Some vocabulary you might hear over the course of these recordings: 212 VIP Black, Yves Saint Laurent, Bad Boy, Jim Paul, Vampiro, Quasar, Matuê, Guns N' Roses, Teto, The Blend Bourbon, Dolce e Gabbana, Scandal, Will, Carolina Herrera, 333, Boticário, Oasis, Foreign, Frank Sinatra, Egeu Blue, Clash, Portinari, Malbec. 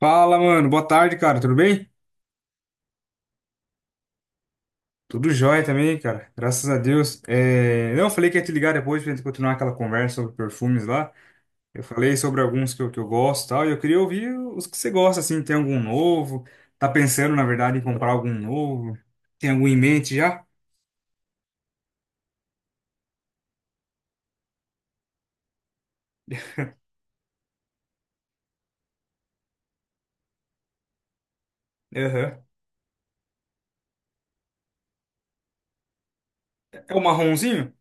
Fala, mano. Boa tarde, cara. Tudo bem? Tudo jóia também, cara. Graças a Deus. Não, eu falei que ia te ligar depois pra gente continuar aquela conversa sobre perfumes lá. Eu falei sobre alguns que eu gosto e tal. E eu queria ouvir os que você gosta, assim. Tem algum novo? Tá pensando, na verdade, em comprar algum novo? Tem algum em mente já? Aham. É o marronzinho?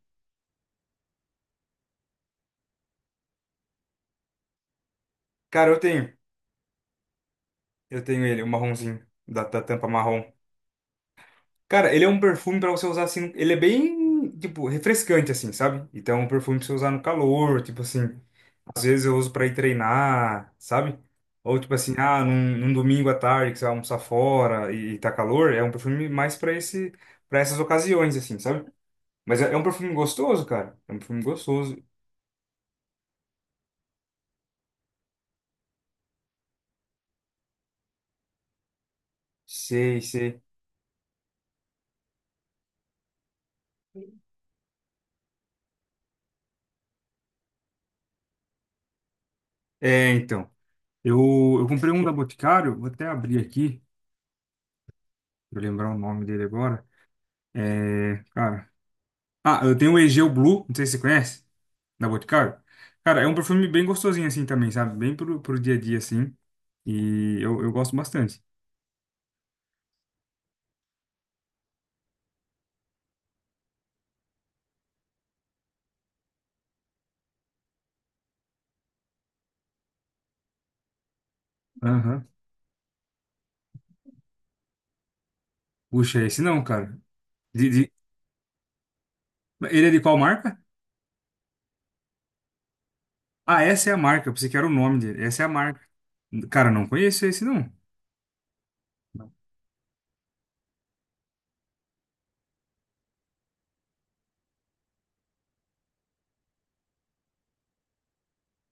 Cara, eu tenho. Eu tenho ele, o marronzinho, da tampa marrom. Cara, ele é um perfume pra você usar assim. Ele é bem, tipo, refrescante, assim, sabe? Então, é um perfume pra você usar no calor, tipo assim. Às vezes eu uso para ir treinar, sabe? Ou tipo assim, ah, num domingo à tarde que você vai almoçar fora e tá calor, é um perfume mais para esse, para essas ocasiões, assim, sabe? Mas é um perfume gostoso, cara. É um perfume gostoso. Sei, sei. É, então. Eu, eu comprei um da Boticário, vou até abrir aqui, pra eu lembrar o nome dele agora. É, cara. Ah, eu tenho o Egeu Blue, não sei se você conhece, da Boticário. Cara, é um perfume bem gostosinho assim também, sabe? Bem pro dia a dia assim. E eu gosto bastante. Aham. Puxa, esse não, cara. De, de- Ele é de qual marca? Ah, essa é a marca. Eu pensei que era o nome dele. Essa é a marca. Cara, não conheço esse não.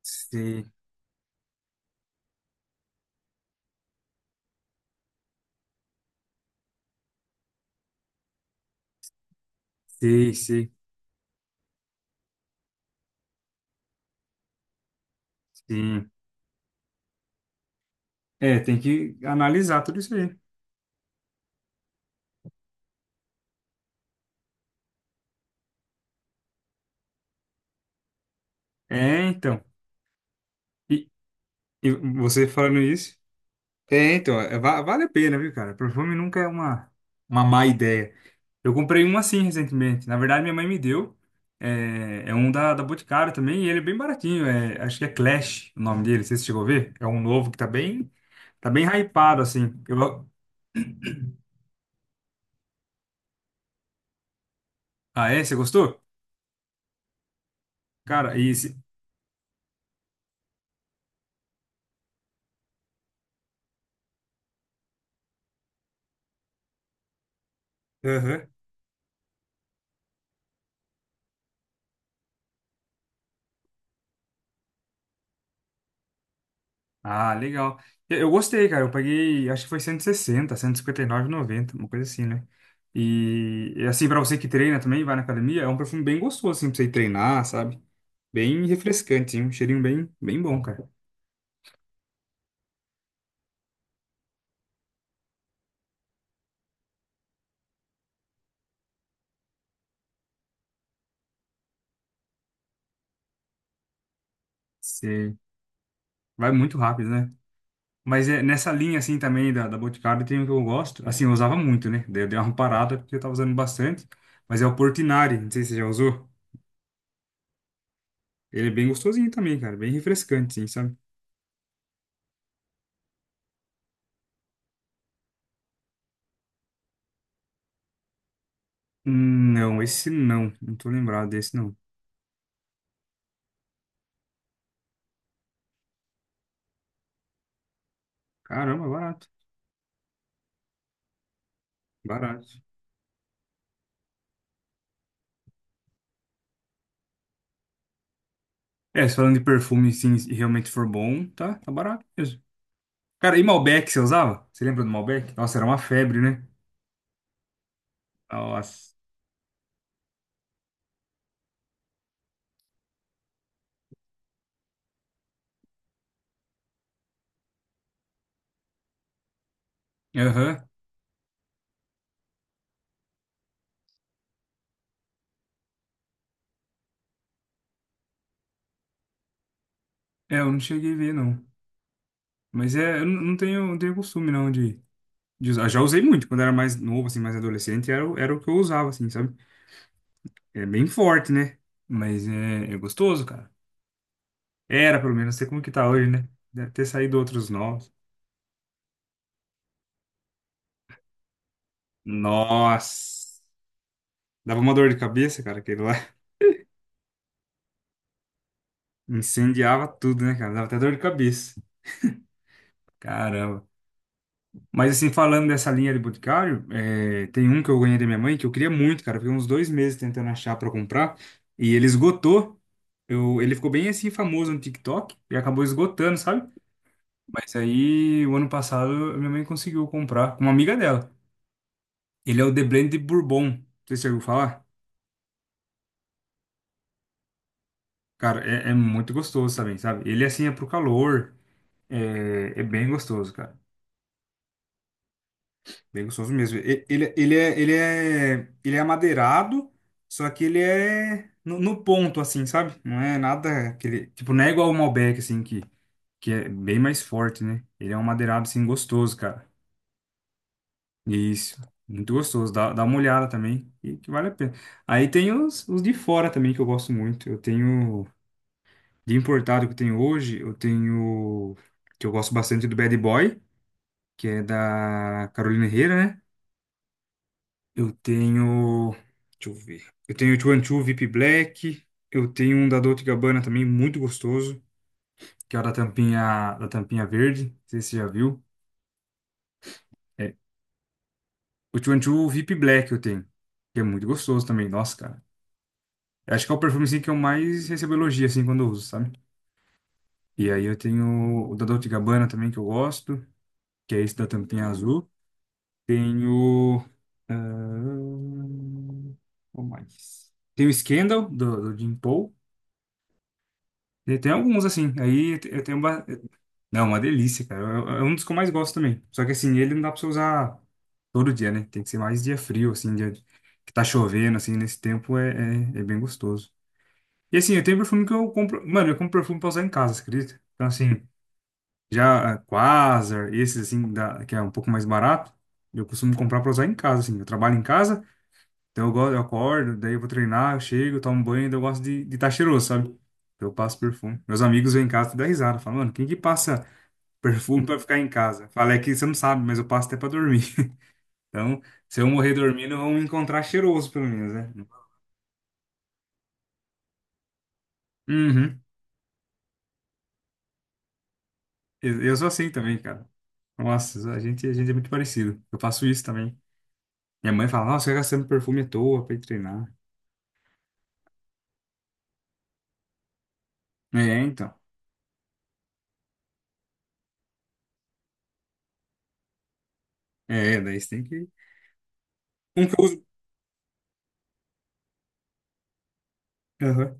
Sei, sei, sei. Sim. É, tem que analisar tudo isso aí. É, então. E, e você falando isso. É, então, vale a pena, viu, cara? Perfume nunca é uma má ideia. Eu comprei um assim recentemente. Na verdade, minha mãe me deu. É um da Boticário também, e ele é bem baratinho. É, acho que é Clash o nome dele, não sei se você chegou a ver. É um novo que tá bem hypado, assim. Ah, é? Você gostou? Cara, e esse. Aham. Ah, legal. Eu gostei, cara. Eu paguei, acho que foi 160, 159,60, 50 160, 90, uma coisa assim, né? E assim, pra você que treina também, vai na academia, é um perfume bem gostoso, assim, pra você ir treinar, sabe? Bem refrescante, hein? Um cheirinho bem, bem bom, cara. Você vai muito rápido, né? Mas é, nessa linha, assim, também da Boticário, tem um que eu gosto. Assim, eu usava muito, né? Daí eu dei uma parada porque eu tava usando bastante. Mas é o Portinari, não sei se você já usou. Ele é bem gostosinho também, cara. Bem refrescante, assim, sabe? Não, esse não. Não tô lembrado desse, não. Caramba, barato. Barato. É, se falando de perfume, sim, e realmente for bom, tá barato mesmo. Cara, e Malbec você usava? Você lembra do Malbec? Nossa, era uma febre, né? Nossa. Aham. É, eu não cheguei a ver, não. Mas é, eu não tenho costume, não, de usar. Já usei muito quando era mais novo, assim, mais adolescente, era o que eu usava, assim, sabe? É bem forte, né? Mas é gostoso, cara. Era, pelo menos, não sei como que tá hoje, né? Deve ter saído outros novos. Nossa. Dava uma dor de cabeça, cara, aquele lá. Incendiava tudo, né, cara? Dava até dor de cabeça. Caramba. Mas assim, falando dessa linha de Boticário, tem um que eu ganhei da minha mãe que eu queria muito, cara. Eu fiquei uns 2 meses tentando achar pra comprar e ele esgotou. Ele ficou bem assim famoso no TikTok e acabou esgotando, sabe? Mas aí, o ano passado, a minha mãe conseguiu comprar com uma amiga dela. Ele é o The Blend Bourbon. Não sei se você ouviu falar. Cara, é muito gostoso também, sabe? Ele assim é pro calor. É bem gostoso, cara. Bem gostoso mesmo. E- ele é amadeirado, só que ele é no ponto, assim, sabe? Não é nada aquele, tipo, não é igual o Malbec, assim, que é bem mais forte, né? Ele é um amadeirado assim, gostoso, cara. Isso, muito gostoso. Dá uma olhada também, que vale a pena. Aí tem os de fora também, que eu gosto muito. De importado que eu tenho hoje, que eu gosto bastante do Bad Boy, que é da Carolina Herrera, né? Eu tenho. Deixa eu ver. Eu tenho 212 VIP Black. Eu tenho um da Dolce e Gabbana também, muito gostoso. Que é o da tampinha verde. Não sei se você já viu. É. O 212 VIP Black eu tenho. Que é muito gostoso também. Nossa, cara. Eu acho que é o perfume assim, que eu mais recebo elogio assim, quando eu uso, sabe? E aí eu tenho o da Dolce e Gabbana também, que eu gosto. Que é esse da tampinha azul. Tenho. ah, Qual mais? Tem o Scandal, do Jim Paul. Tem alguns, assim. Aí eu tenho. Não, é uma delícia, cara. É um dos que eu mais gosto também. Só que, assim, ele não dá pra você usar todo dia, né? Tem que ser mais dia frio, assim, dia que tá chovendo, assim, nesse tempo é bem gostoso. E, assim, eu tenho perfume que eu compro. Mano, eu compro perfume pra usar em casa, você acredita? Então, assim, já, Quasar, esses, assim, que é um pouco mais barato, eu costumo comprar pra usar em casa, assim. Eu trabalho em casa. Então eu, gosto, eu acordo, daí eu vou treinar, eu chego, tomo banho, daí eu gosto de estar cheiroso, sabe? Então eu passo perfume. Meus amigos vêm em casa e dão risada, falam, mano, quem que passa perfume pra ficar em casa? Fala, é que você não sabe, mas eu passo até pra dormir. Então, se eu morrer dormindo, vão me encontrar cheiroso, pelo menos, né? Uhum. Eu sou assim também, cara. Nossa, a gente é muito parecido. Eu faço isso também. Minha mãe fala, nossa, você tá gastando perfume à toa pra ir treinar. É, então. É, daí você tem que. Um que eu uso. Aham.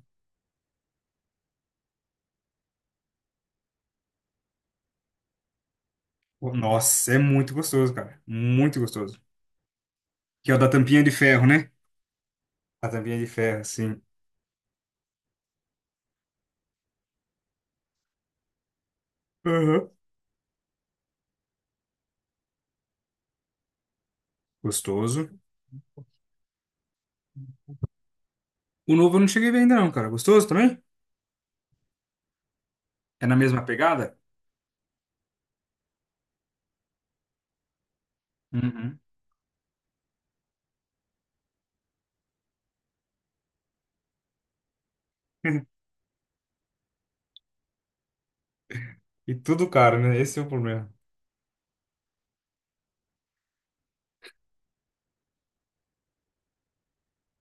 Nossa, é muito gostoso, cara. Muito gostoso. Que é o da tampinha de ferro, né? A tampinha de ferro, sim. Aham. Gostoso. O novo eu não cheguei a ver ainda não, cara. Gostoso também? É na mesma pegada? Uhum. E tudo caro, né? Esse é o problema.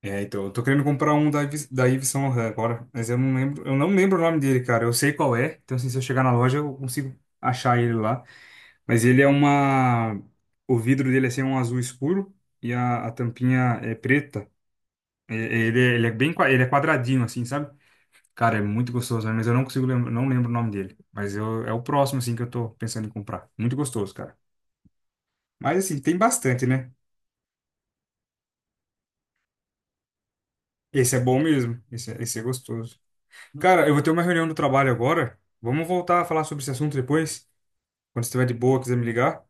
É, então, eu tô querendo comprar um da Yves, Saint Laurent agora, mas eu não lembro o nome dele, cara. Eu sei qual é, então assim, se eu chegar na loja eu consigo achar ele lá. Mas ele é uma, o vidro dele é assim, um azul escuro e a tampinha é preta. Ele é quadradinho assim, sabe? Cara, é muito gostoso, né? Mas eu não consigo lembrar, não lembro o nome dele. Mas é o próximo, assim, que eu tô pensando em comprar. Muito gostoso, cara. Mas, assim, tem bastante, né? Esse é bom mesmo. Esse é gostoso. Cara, eu vou ter uma reunião do trabalho agora. Vamos voltar a falar sobre esse assunto depois. Quando você estiver de boa, quiser me ligar.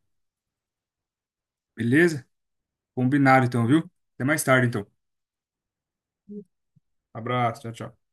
Beleza? Combinado, então, viu? Até mais tarde, então. Abraço, tchau, tchau.